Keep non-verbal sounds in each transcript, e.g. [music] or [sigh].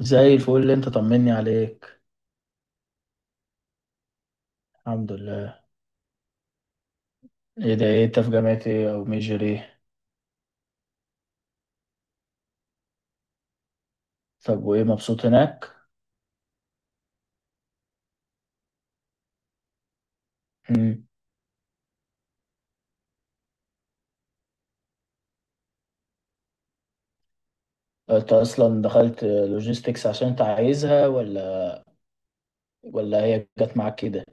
زي الفل اللي انت طمني عليك. الحمد لله. ايه انت في جامعة ايه، او ميجر ايه؟ طب وايه، مبسوط هناك؟ مم. انت اصلا دخلت لوجيستكس عشان انت عايزها، ولا هي جت معاك كده؟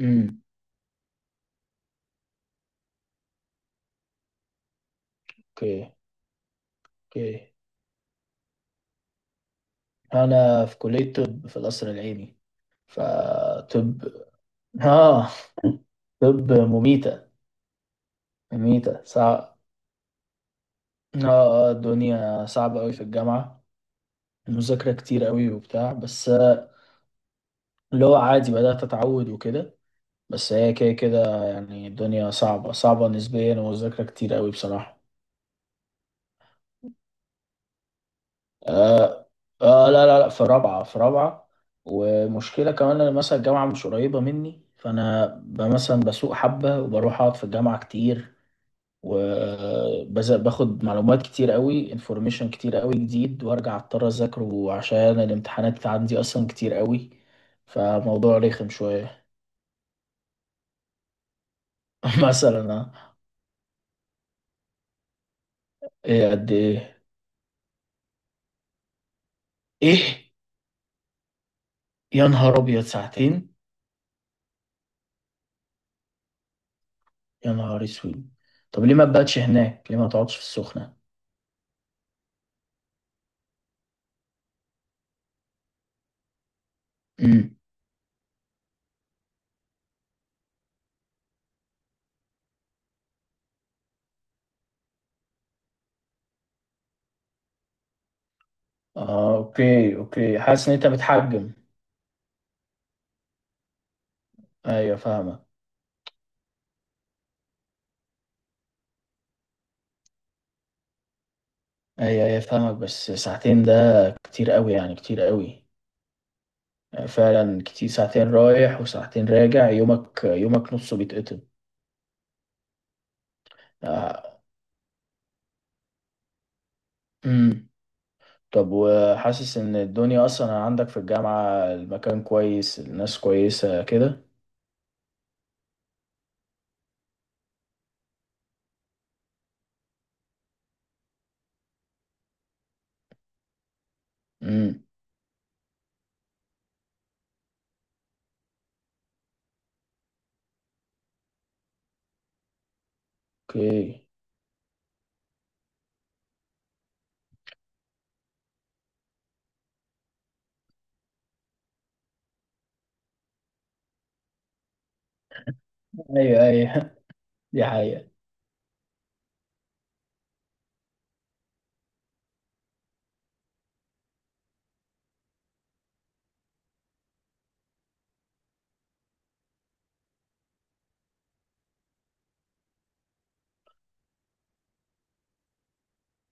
امم. اوكي. اوكي، انا في كلية طب في القصر العيني، فطب. اه. طب مميتة. مميتة صعب. اه، الدنيا صعبة قوي في الجامعة، المذاكرة كتير قوي وبتاع. بس اللي هو عادي بدأت اتعود وكده. بس هي كده كده يعني الدنيا صعبة صعبة نسبيا، ومذاكرة كتير قوي بصراحة. آه آه. لا لا لا، في رابعة. ومشكلة كمان أنا مثلا الجامعة مش قريبة مني، فأنا مثلا بسوق حبة وبروح أقعد في الجامعة كتير، وباخد معلومات كتير قوي، انفورميشن كتير قوي جديد، وارجع اضطر اذاكره عشان الامتحانات عندي اصلا كتير قوي. فموضوع رخم شوية. [laughs] مثلا آه. ايه قد ايه؟ ايه؟ يا نهار ابيض، ساعتين! يا نهار اسود. طب ليه ما تباتش هناك، ليه ما تقعدش في السخنة؟ امم. اه، اوكي اوكي، حاسس ان انت بتحجم. ايوه فاهمك. ايوه ايوه فاهمك، بس ساعتين ده كتير قوي يعني، كتير قوي. آه، فعلا كتير، ساعتين رايح وساعتين راجع، يومك يومك نصه بيتقطع. آه. امم. طب وحاسس ان الدنيا اصلا عندك في الجامعة، المكان كويس، الناس كويسة كده؟ امم. اوكي. ايوه ايوه. [laughs] دي حقيقة.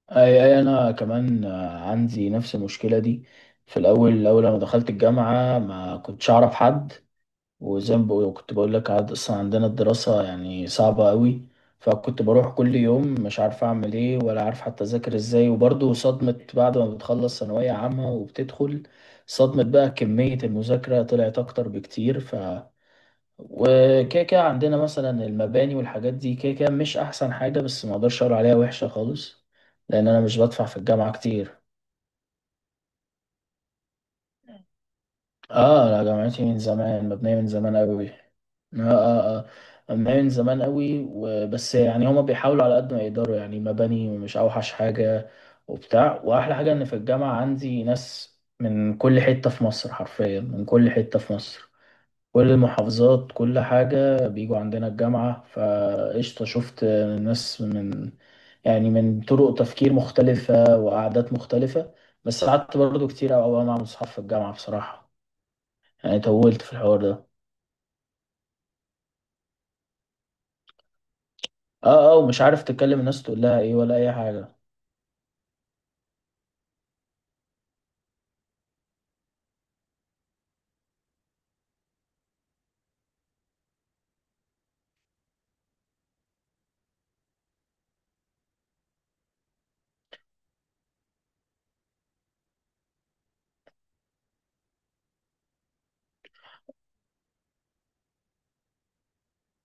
اي اي، انا كمان عندي نفس المشكله دي. في الاول اول لما دخلت الجامعه ما كنتش اعرف حد، وزي ما بقول- كنت بقول لك عاد اصلا عندنا الدراسه يعني صعبه قوي. فكنت بروح كل يوم مش عارف اعمل ايه، ولا عارف حتى اذاكر ازاي. وبرضه صدمه بعد ما بتخلص ثانويه عامه وبتدخل، صدمه بقى كميه المذاكره طلعت اكتر بكتير. وكده كده عندنا مثلا المباني والحاجات دي كده كده مش احسن حاجة، بس ما اقدرش اقول عليها وحشة خالص. لان انا مش بدفع في الجامعة كتير. اه لا، جامعتي من زمان، مبنية من زمان قوي. اه اه. اه، مبنية من زمان قوي، وبس يعني هما بيحاولوا على قد ما يقدروا، يعني مباني مش اوحش حاجة وبتاع. واحلى حاجة ان في الجامعة عندي ناس من كل حتة في مصر، حرفيا من كل حتة في مصر، كل المحافظات، كل حاجة بيجوا عندنا الجامعة، فقشطة. شفت ناس من يعني من طرق تفكير مختلفة وقعدات مختلفة. بس قعدت برضو كتير أوي أوي مع أصحاب في الجامعة بصراحة، يعني طولت في الحوار ده. اه اه، ومش عارف تتكلم الناس تقول لها ايه ولا أي حاجة.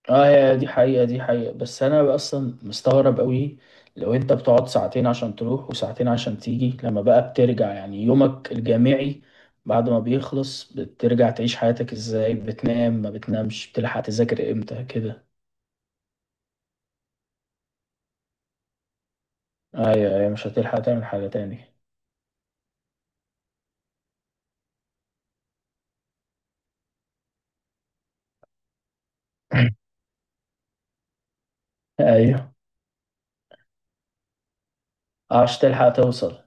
اه، هي دي حقيقة، دي حقيقة. بس انا اصلا مستغرب قوي، لو انت بتقعد ساعتين عشان تروح وساعتين عشان تيجي، لما بقى بترجع يعني يومك الجامعي بعد ما بيخلص بترجع تعيش حياتك ازاي؟ بتنام، ما بتنامش، بتلحق تذاكر امتى كده؟ ايوه ايوه، مش هتلحق تعمل حاجة تاني. [laughs] ايوه، آه، عشان تلحق توصل،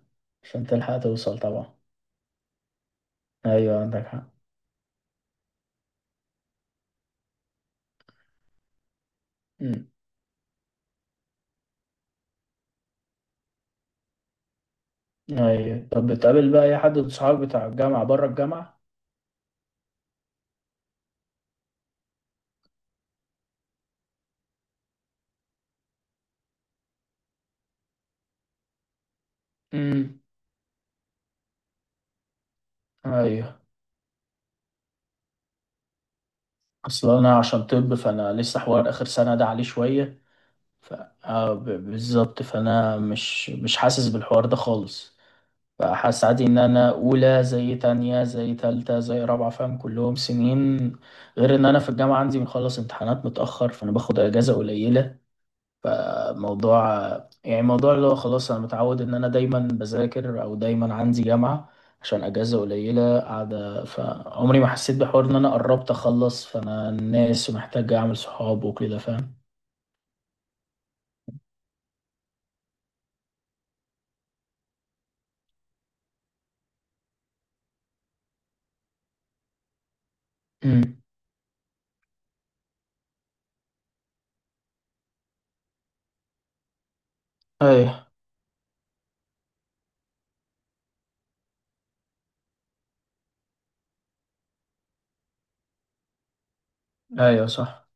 عشان تلحق توصل طبعا. ايوه عندك حق. امم. ايوه. طب بتقابل بقى اي حد من صحابك بتاع الجامعة بره الجامعة؟ امم. ايوه. اصل انا عشان طب فانا لسه حوار اخر سنه ده عليه شويه. ف آه ب- بالظبط، فانا مش حاسس بالحوار ده خالص. فحاسس عادي ان انا اولى زي تانية زي تالتة زي رابعة، فاهم، كلهم سنين. غير ان انا في الجامعة عندي بنخلص امتحانات متأخر، فانا باخد اجازة قليلة. فموضوع يعني موضوع اللي هو خلاص، انا متعود ان انا دايما بذاكر، او دايما عندي جامعة، عشان اجازة قليلة قاعدة. فعمري ما حسيت بحوار ان انا قربت اخلص، فانا الناس ومحتاج اعمل صحاب وكده، فاهم. امم. ايوه ايوه صح،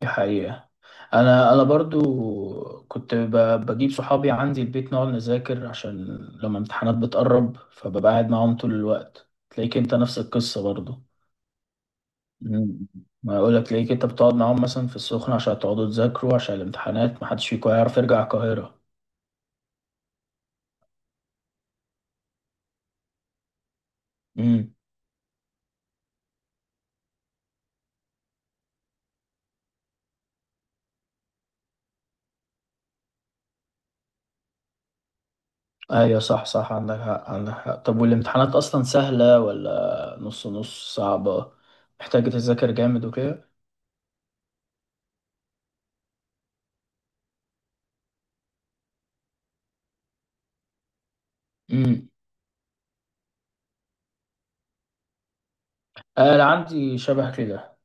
دي حقيقة. انا برضو كنت بجيب صحابي عندي البيت نقعد نذاكر، عشان لما امتحانات بتقرب فببقى قاعد معاهم طول الوقت، تلاقيك انت نفس القصة برضو. مم. ما اقول لك ليك، انت بتقعد معاهم مثلا في السخنة عشان تقعدوا تذاكروا عشان الامتحانات، محدش فيكم هيعرف يرجع القاهرة. امم. ايوه صح صح، عندك حق، عندك حق. طب والامتحانات اصلا سهلة ولا نص نص صعبة، محتاج تذاكر جامد وكده؟ امم. انا عندي شبه كده.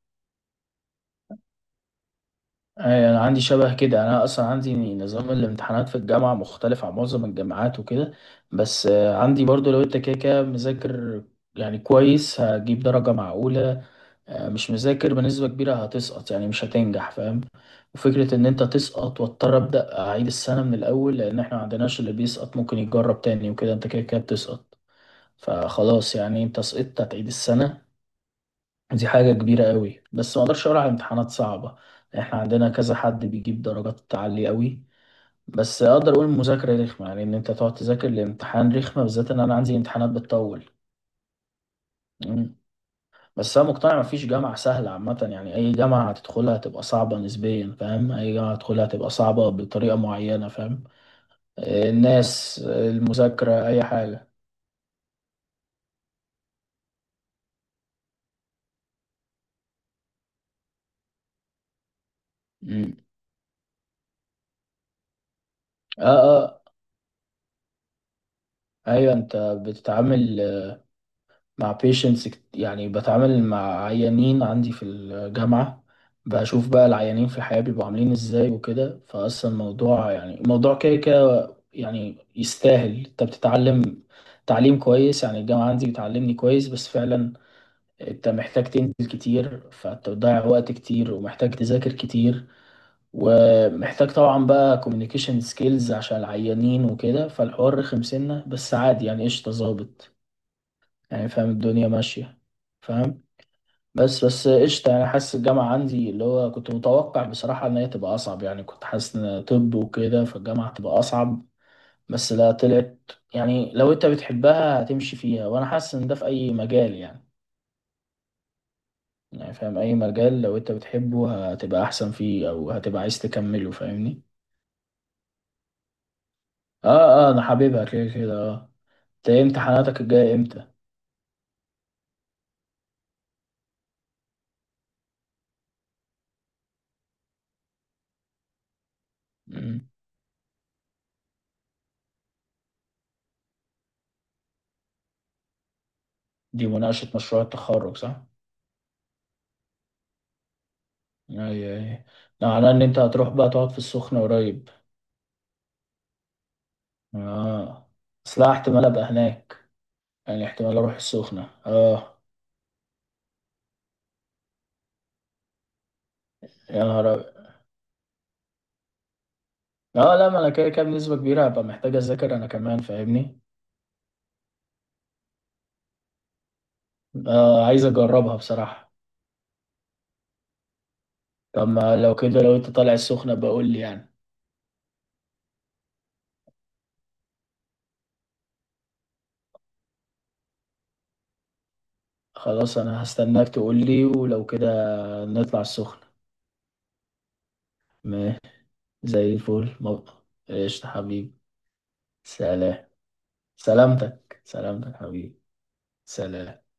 أي، أنا عندي شبه كده، أنا أصلا عندي نظام الامتحانات في الجامعة مختلف عن معظم الجامعات وكده. بس عندي برضو لو أنت كده كده مذاكر يعني كويس، هجيب درجة معقولة. مش مذاكر بنسبة كبيرة، هتسقط يعني، مش هتنجح فاهم. وفكرة إن أنت تسقط واضطر أبدأ أعيد السنة من الأول، لأن إحنا معندناش اللي بيسقط ممكن يتجرب تاني وكده، أنت كده كده بتسقط. فخلاص يعني أنت سقطت، هتعيد السنة. دي حاجة كبيرة قوي. بس ما اقدرش اقول على امتحانات صعبة، احنا عندنا كذا حد بيجيب درجات عالية قوي. بس اقدر اقول المذاكرة رخمة، يعني ان انت تقعد تذاكر الامتحان رخمة، بالذات ان انا عندي امتحانات بتطول. مم. بس انا مقتنع مفيش جامعة سهلة عامة، يعني اي جامعة هتدخلها هتبقى صعبة نسبيا، فاهم، اي جامعة هتدخلها هتبقى صعبة بطريقة معينة فاهم. الناس المذاكرة اي حاجة. مم. اه اه. ايوه، انت بتتعامل مع patients يعني بتعامل مع عيانين، عندي في الجامعة بشوف بقى العيانين في الحياة بيبقوا عاملين ازاي وكده، فأصلا الموضوع يعني الموضوع كده كده يعني يستاهل، انت بتتعلم تعليم كويس، يعني الجامعة عندي بتعلمني كويس، بس فعلا انت محتاج تنزل كتير، فانت بتضيع وقت كتير، ومحتاج تذاكر كتير، ومحتاج طبعا بقى communication skills عشان العيانين وكده، فالحوار رخم سنة بس عادي يعني قشطة ظابط يعني، فاهم الدنيا ماشية. فاهم. بس قشطة يعني، حاسس الجامعة عندي اللي هو كنت متوقع بصراحة إن هي تبقى أصعب، يعني كنت حاسس إن طب وكده فالجامعة تبقى أصعب، بس لا طلعت، يعني لو أنت بتحبها هتمشي فيها. وأنا حاسس إن ده في أي مجال يعني، يعني فاهم أي مجال لو أنت بتحبه هتبقى أحسن فيه، أو هتبقى عايز تكمله فاهمني. آه آه، أنا حاببها كده كده آه. أنت إيه امتحاناتك الجاية إمتى؟ مم. دي مناقشة مشروع التخرج، صح؟ أيوه. أيوه، ده معناه إن أنت هتروح بقى تقعد في السخنة قريب. اه. اصل احتمال ابقى هناك، يعني احتمال اروح السخنة، اه. يا نهار ابيض. اه لا، ما انا كده كده بنسبة كبيرة هبقى محتاج اذاكر انا كمان فاهمني. اه، عايز اجربها بصراحة. طب ما لو كده، لو انت طالع السخنة بقول لي يعني. خلاص، انا هستناك تقول لي، ولو كده نطلع السخنة. ما زي الفل مبقى. قشطة حبيبي. سلام. سلامتك سلامتك حبيبي. سلام.